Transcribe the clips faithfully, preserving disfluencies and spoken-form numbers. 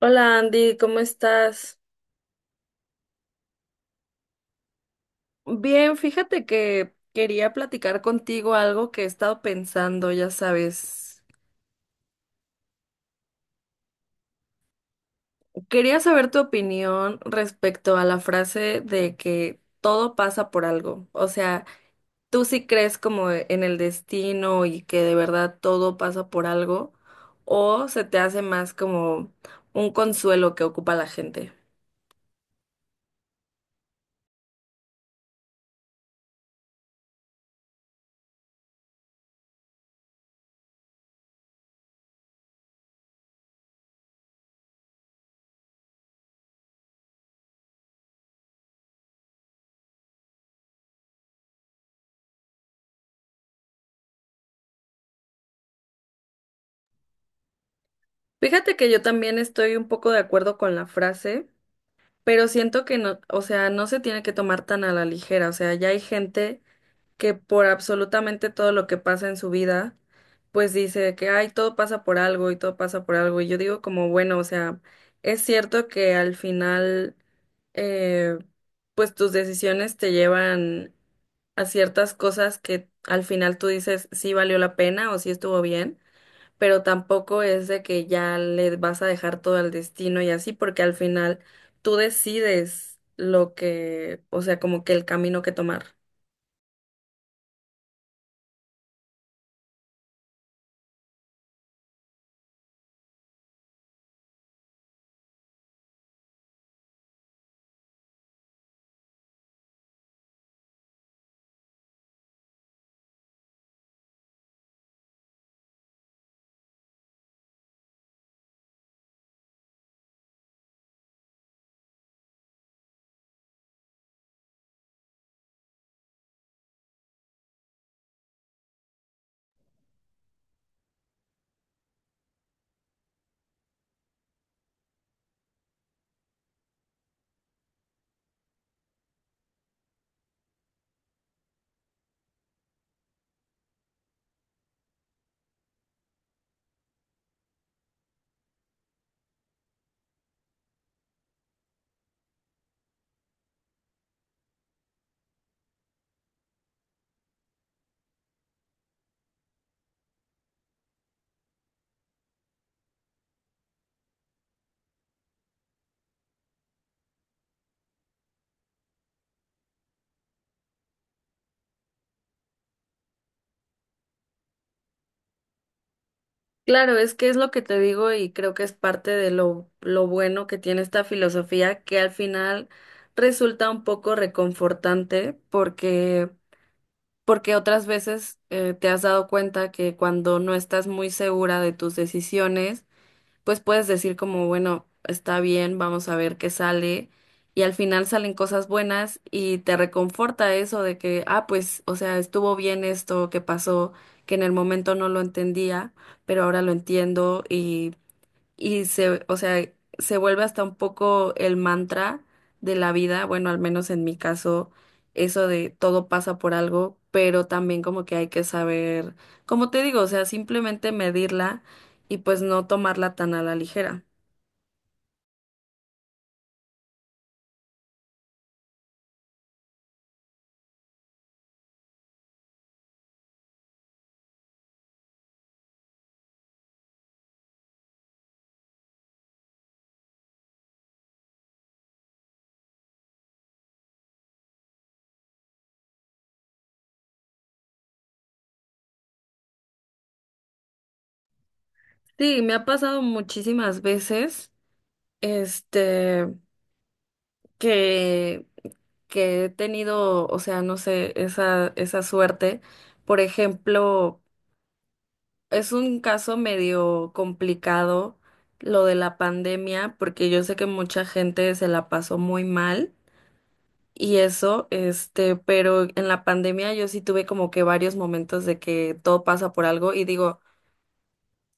Hola Andy, ¿cómo estás? Bien, fíjate que quería platicar contigo algo que he estado pensando, ya sabes. Quería saber tu opinión respecto a la frase de que todo pasa por algo. O sea, ¿tú sí crees como en el destino y que de verdad todo pasa por algo? ¿O se te hace más como un consuelo que ocupa la gente? Fíjate que yo también estoy un poco de acuerdo con la frase. Pero siento que no, o sea, no se tiene que tomar tan a la ligera, o sea, ya hay gente que por absolutamente todo lo que pasa en su vida, pues dice que, ay, todo pasa por algo y todo pasa por algo. Y yo digo como, bueno, o sea, es cierto que al final, eh, pues tus decisiones te llevan a ciertas cosas que al final tú dices si valió la pena o si estuvo bien, pero tampoco es de que ya le vas a dejar todo al destino y así, porque al final tú decides lo que, o sea, como que el camino que tomar. Claro, es que es lo que te digo y creo que es parte de lo, lo bueno que tiene esta filosofía, que al final resulta un poco reconfortante porque, porque otras veces eh, te has dado cuenta que cuando no estás muy segura de tus decisiones, pues puedes decir como, bueno, está bien, vamos a ver qué sale. Y al final salen cosas buenas y te reconforta eso de que, ah, pues, o sea, estuvo bien esto que pasó, que en el momento no lo entendía, pero ahora lo entiendo y se, o sea, se vuelve hasta un poco el mantra de la vida, bueno, al menos en mi caso, eso de todo pasa por algo, pero también como que hay que saber, como te digo, o sea, simplemente medirla y pues no tomarla tan a la ligera. Sí, me ha pasado muchísimas veces, este, que, que he tenido, o sea, no sé, esa, esa suerte. Por ejemplo, es un caso medio complicado lo de la pandemia, porque yo sé que mucha gente se la pasó muy mal y eso, este, pero en la pandemia yo sí tuve como que varios momentos de que todo pasa por algo y digo,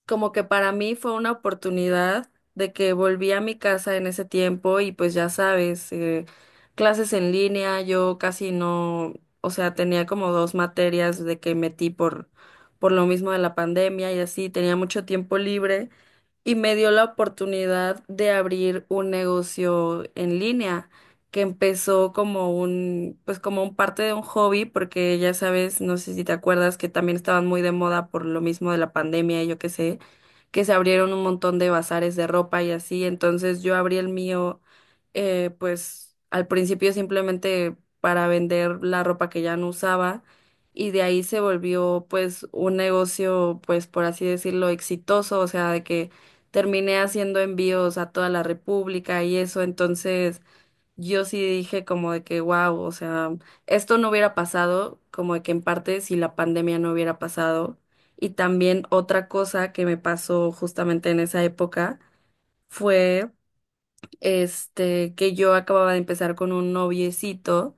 como que para mí fue una oportunidad de que volví a mi casa en ese tiempo y pues ya sabes, eh, clases en línea, yo casi no, o sea, tenía como dos materias de que metí por, por lo mismo de la pandemia y así, tenía mucho tiempo libre y me dio la oportunidad de abrir un negocio en línea que empezó como un, pues como un parte de un hobby, porque ya sabes, no sé si te acuerdas que también estaban muy de moda por lo mismo de la pandemia, y yo qué sé, que se abrieron un montón de bazares de ropa y así, entonces yo abrí el mío, eh, pues al principio simplemente para vender la ropa que ya no usaba. Y de ahí se volvió pues un negocio, pues por así decirlo, exitoso, o sea, de que terminé haciendo envíos a toda la República y eso, entonces yo sí dije como de que, wow, o sea, esto no hubiera pasado, como de que en parte si la pandemia no hubiera pasado. Y también otra cosa que me pasó justamente en esa época fue, este, que yo acababa de empezar con un noviecito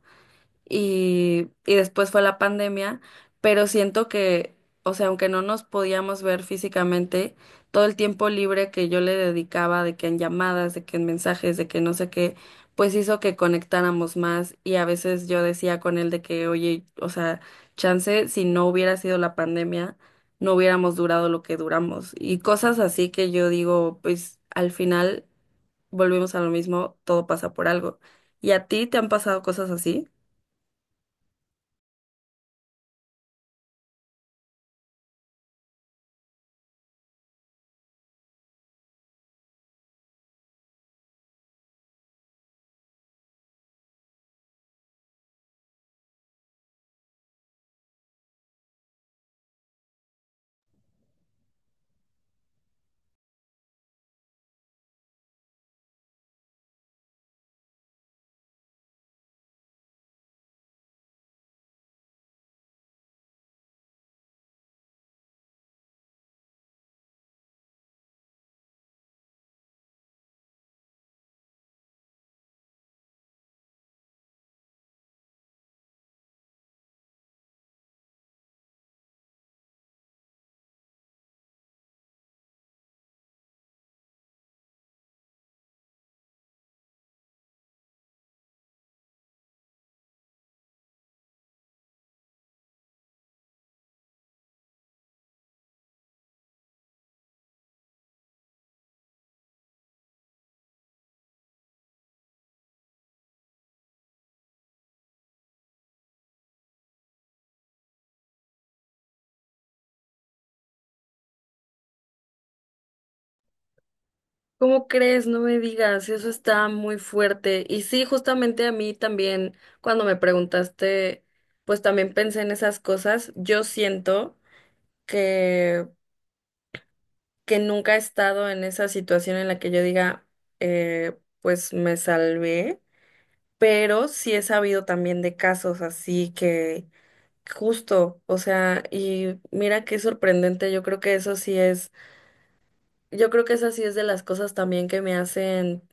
y, y después fue la pandemia, pero siento que, o sea, aunque no nos podíamos ver físicamente, todo el tiempo libre que yo le dedicaba, de que en llamadas, de que en mensajes, de que no sé qué, pues hizo que conectáramos más y a veces yo decía con él de que, oye, o sea, chance, si no hubiera sido la pandemia, no hubiéramos durado lo que duramos y cosas así que yo digo, pues al final volvemos a lo mismo, todo pasa por algo. ¿Y a ti te han pasado cosas así? ¿Cómo crees? No me digas, eso está muy fuerte. Y sí, justamente a mí también, cuando me preguntaste, pues también pensé en esas cosas. Yo siento que, que nunca he estado en esa situación en la que yo diga, eh, pues me salvé, pero sí he sabido también de casos así que justo, o sea, y mira qué sorprendente, yo creo que eso sí es, yo creo que esa sí es de las cosas también que me hacen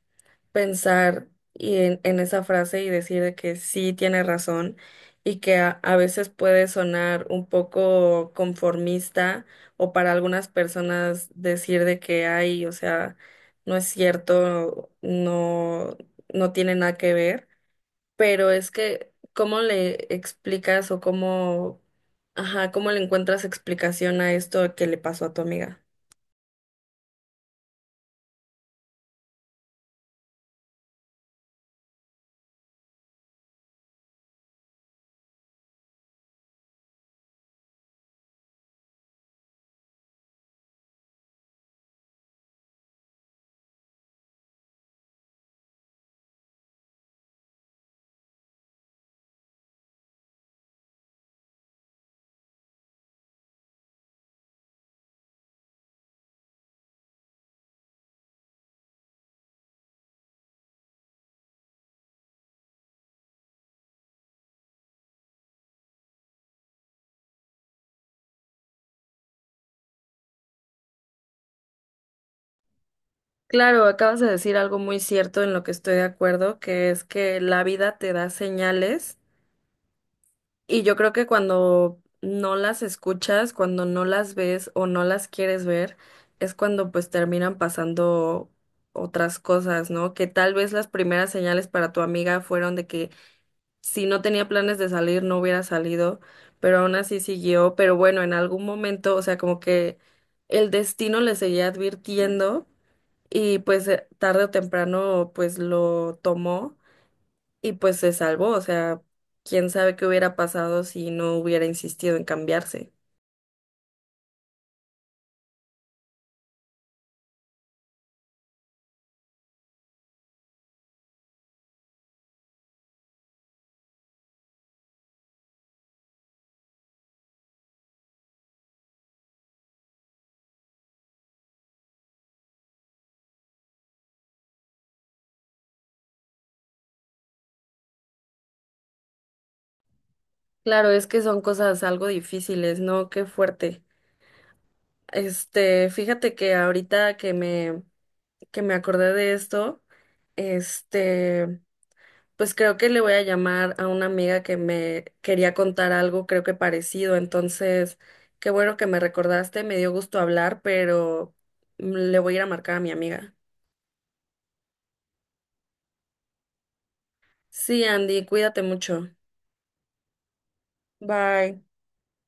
pensar y en, en esa frase y decir de que sí tiene razón y que a, a veces puede sonar un poco conformista o para algunas personas decir de que hay, o sea, no es cierto, no, no tiene nada que ver, pero es que ¿cómo le explicas o cómo, ajá, cómo le encuentras explicación a esto que le pasó a tu amiga? Claro, acabas de decir algo muy cierto en lo que estoy de acuerdo, que es que la vida te da señales y yo creo que cuando no las escuchas, cuando no las ves o no las quieres ver, es cuando pues terminan pasando otras cosas, ¿no? Que tal vez las primeras señales para tu amiga fueron de que si no tenía planes de salir, no hubiera salido, pero aún así siguió, pero bueno, en algún momento, o sea, como que el destino le seguía advirtiendo y pues eh, tarde o temprano pues lo tomó y pues se salvó, o sea, quién sabe qué hubiera pasado si no hubiera insistido en cambiarse. Claro, es que son cosas algo difíciles, ¿no? Qué fuerte. Este, fíjate que ahorita que me que me acordé de esto, este pues creo que le voy a llamar a una amiga que me quería contar algo, creo que parecido. Entonces, qué bueno que me recordaste, me dio gusto hablar, pero mm, le voy a ir a marcar a mi amiga. Sí, Andy, cuídate mucho. Bye.